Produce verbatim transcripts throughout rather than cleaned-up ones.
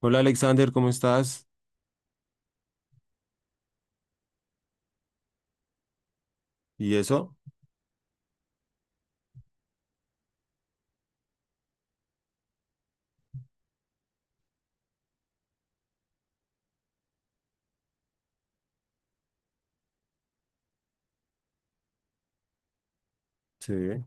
Hola Alexander, ¿cómo estás? ¿Y eso? Sí.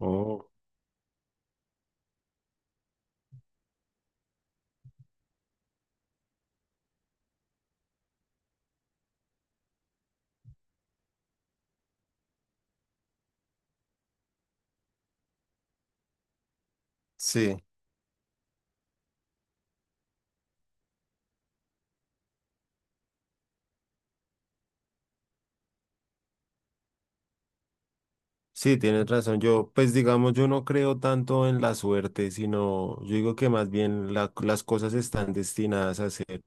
Oh, sí, sí, tienes razón. Yo, pues digamos, yo no creo tanto en la suerte, sino yo digo que más bien la- las cosas están destinadas a ser.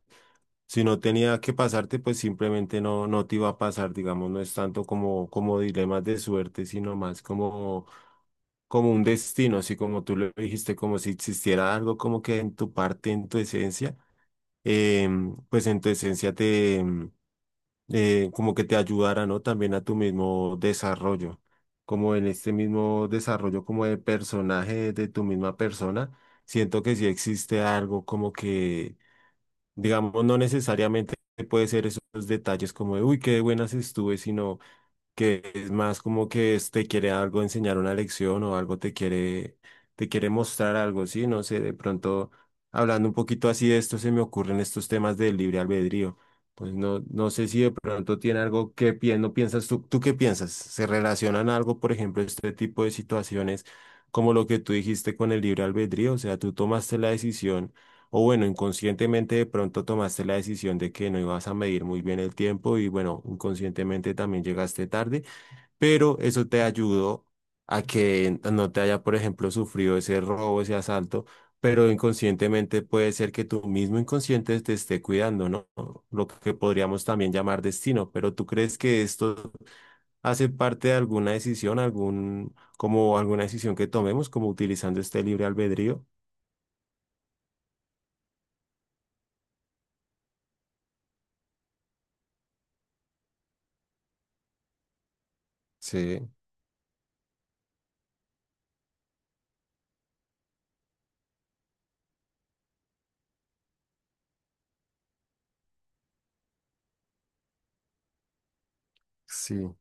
Si no tenía que pasarte, pues simplemente no, no te iba a pasar, digamos, no es tanto como, como dilemas de suerte, sino más como, como un destino, así como tú lo dijiste, como si existiera algo como que en tu parte, en tu esencia, em, pues en tu esencia te... em, eh, como que te ayudara, ¿no? También a tu mismo desarrollo, como en este mismo desarrollo como de personaje de tu misma persona, siento que sí existe algo como que, digamos, no necesariamente puede ser esos detalles como de, uy, qué de buenas estuve, sino que es más como que es- te quiere algo enseñar una lección o algo te quiere, te quiere mostrar algo, ¿sí? No sé, de pronto, hablando un poquito así de esto, se me ocurren estos temas del libre albedrío. Pues no, no sé si de pronto tiene algo que pi- no piensas tú, ¿tú qué piensas? ¿Se relacionan algo, por ejemplo, este tipo de situaciones como lo que tú dijiste con el libre albedrío? O sea, tú tomaste la decisión o bueno, inconscientemente de pronto tomaste la decisión de que no ibas a medir muy bien el tiempo y bueno, inconscientemente también llegaste tarde, pero eso te ayudó a que no te haya, por ejemplo, sufrido ese robo, ese asalto, pero inconscientemente puede ser que tu mismo inconsciente te esté cuidando, ¿no? Lo que podríamos también llamar destino, pero ¿tú crees que esto hace parte de alguna decisión, algún, como alguna decisión que tomemos, como utilizando este libre albedrío? Sí. Sí.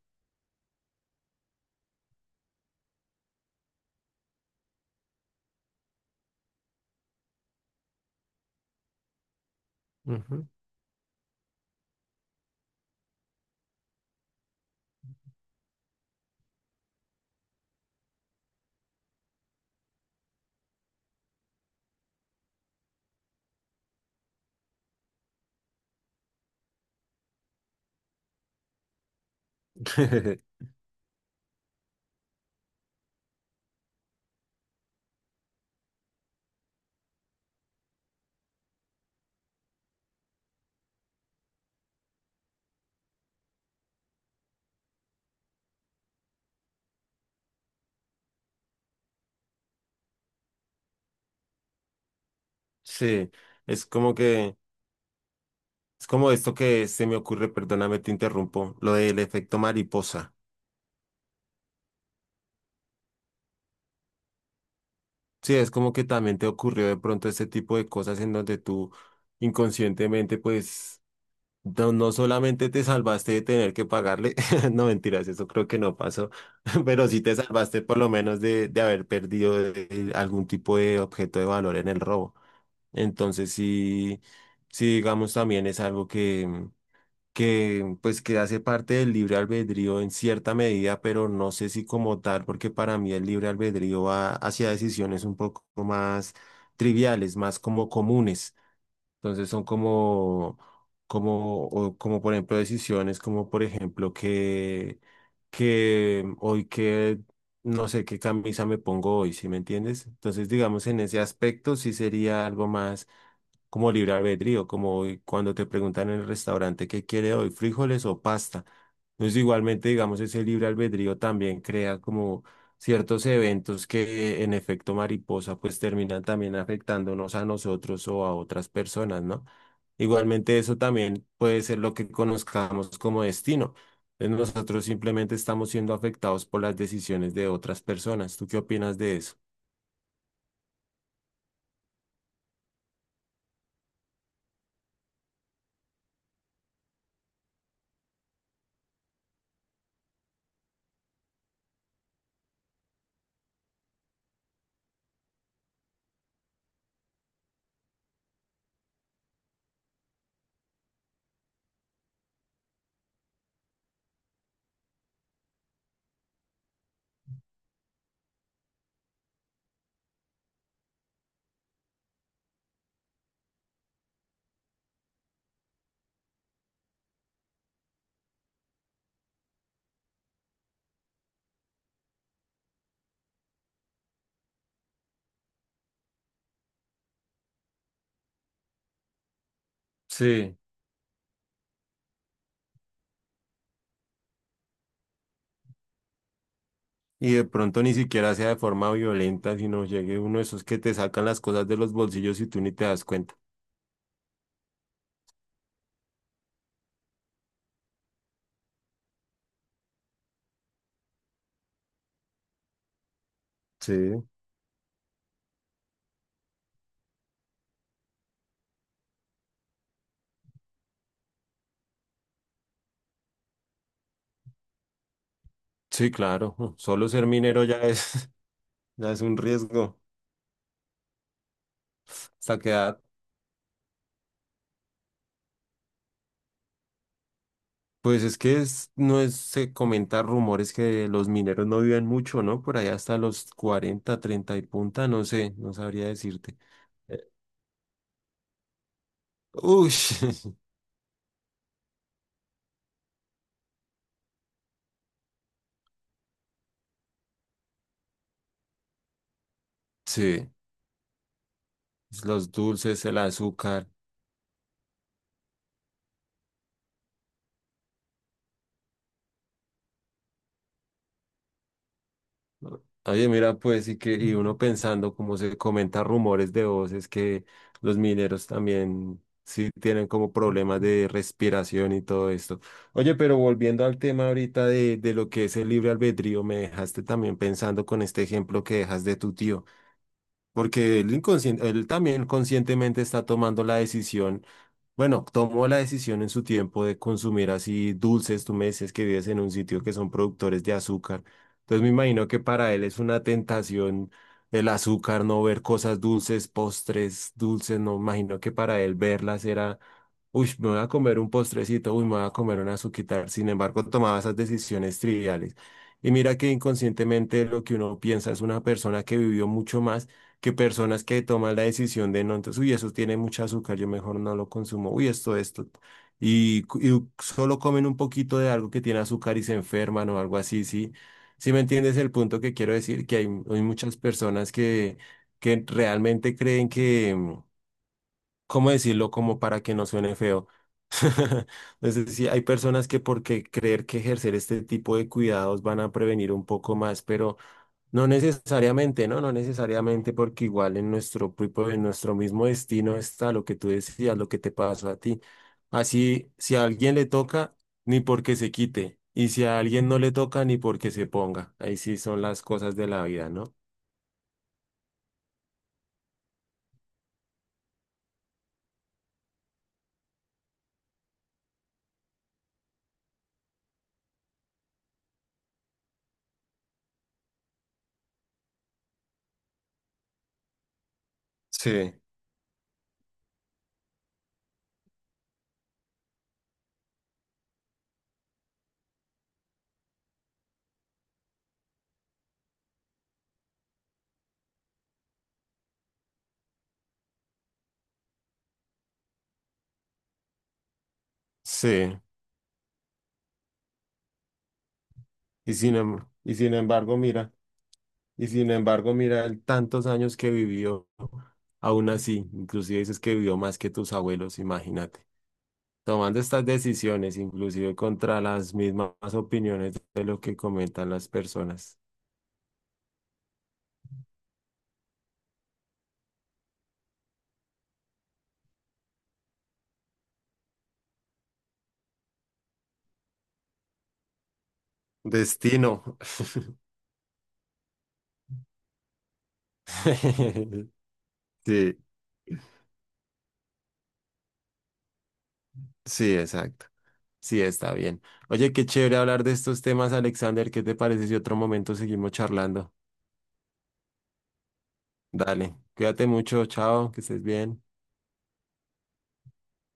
Ujú. Sí, es como que, es como esto que se me ocurre, perdóname, te interrumpo, lo del efecto mariposa. Sí, es como que también te ocurrió de pronto este tipo de cosas en donde tú inconscientemente, pues, no, no solamente te salvaste de tener que pagarle, no mentiras, eso creo que no pasó, pero sí te salvaste por lo menos de, de haber perdido eh, algún tipo de objeto de valor en el robo. Entonces, sí, sí, digamos, también es algo que... que pues que hace parte del libre albedrío en cierta medida, pero no sé si como tal, porque para mí el libre albedrío va hacia decisiones un poco más triviales, más como comunes. Entonces son como, como, o como por ejemplo decisiones, como por ejemplo que, que hoy que, no sé qué camisa me pongo hoy, ¿sí me entiendes? Entonces digamos en ese aspecto sí sería algo más como libre albedrío, como hoy cuando te preguntan en el restaurante qué quiere hoy, frijoles o pasta. Entonces igualmente digamos ese libre albedrío también crea como ciertos eventos que en efecto mariposa pues terminan también afectándonos a nosotros o a otras personas, ¿no? Igualmente eso también puede ser lo que conozcamos como destino. Entonces, nosotros simplemente estamos siendo afectados por las decisiones de otras personas. ¿Tú qué opinas de eso? Sí. Y de pronto ni siquiera sea de forma violenta, sino llegue uno de esos que te sacan las cosas de los bolsillos y tú ni te das cuenta. Sí. Sí, claro. Solo ser minero ya es, ya es un riesgo. Hasta quedar. Pues es que es- no es, se comentan rumores que los mineros no viven mucho, ¿no? Por allá hasta los cuarenta, treinta y punta, no sé, no sabría decirte. Eh, Uy, sí, los dulces, el azúcar. Oye, mira, pues, y que, y uno pensando, como se comenta rumores de voces, que los mineros también sí tienen como problemas de respiración y todo esto. Oye, pero volviendo al tema ahorita de, de lo que es el libre albedrío, me dejaste también pensando con este ejemplo que dejas de tu tío, porque él inconscien- él también conscientemente está tomando la decisión bueno, tomó la decisión en su tiempo de consumir así dulces. Tú me decías que vives en un sitio que son productores de azúcar. Entonces me imagino que para él es una tentación el azúcar, no ver cosas dulces, postres dulces. No, imagino que para él verlas era, uy, me voy a comer un postrecito, uy, me voy a comer una azuquitar. Sin embargo, tomaba esas decisiones triviales. Y mira que inconscientemente lo que uno piensa es una persona que vivió mucho más que personas que toman la decisión de no, entonces, uy, eso tiene mucho azúcar, yo mejor no lo consumo, uy, esto, esto. Y, cu- y solo comen un poquito de algo que tiene azúcar y se enferman o algo así, sí. Sí me entiendes el punto que quiero decir, que hay, hay muchas personas que, que realmente creen que, mm, ¿cómo decirlo? Como para que no suene feo. Entonces, sí, hay personas que porque creer que ejercer este tipo de cuidados van a prevenir un poco más, pero no necesariamente, ¿no? No necesariamente, porque igual en nuestro, propio- en nuestro mismo destino está lo que tú decías, lo que te pasó a ti. Así, si a alguien le toca, ni porque se quite. Y si a alguien no le toca, ni porque se ponga. Ahí sí son las cosas de la vida, ¿no? Sí, sí. Y sin, em- y sin embargo, mira, y sin embargo, mira, el tantos años que vivió, aún así, inclusive dices que vivió más que tus abuelos, imagínate. Tomando estas decisiones, inclusive contra las mismas opiniones de lo que comentan las personas. Destino. Sí, sí, exacto. Sí, está bien. Oye, qué chévere hablar de estos temas, Alexander. ¿Qué te parece si otro momento seguimos charlando? Dale, cuídate mucho, chao, que estés bien.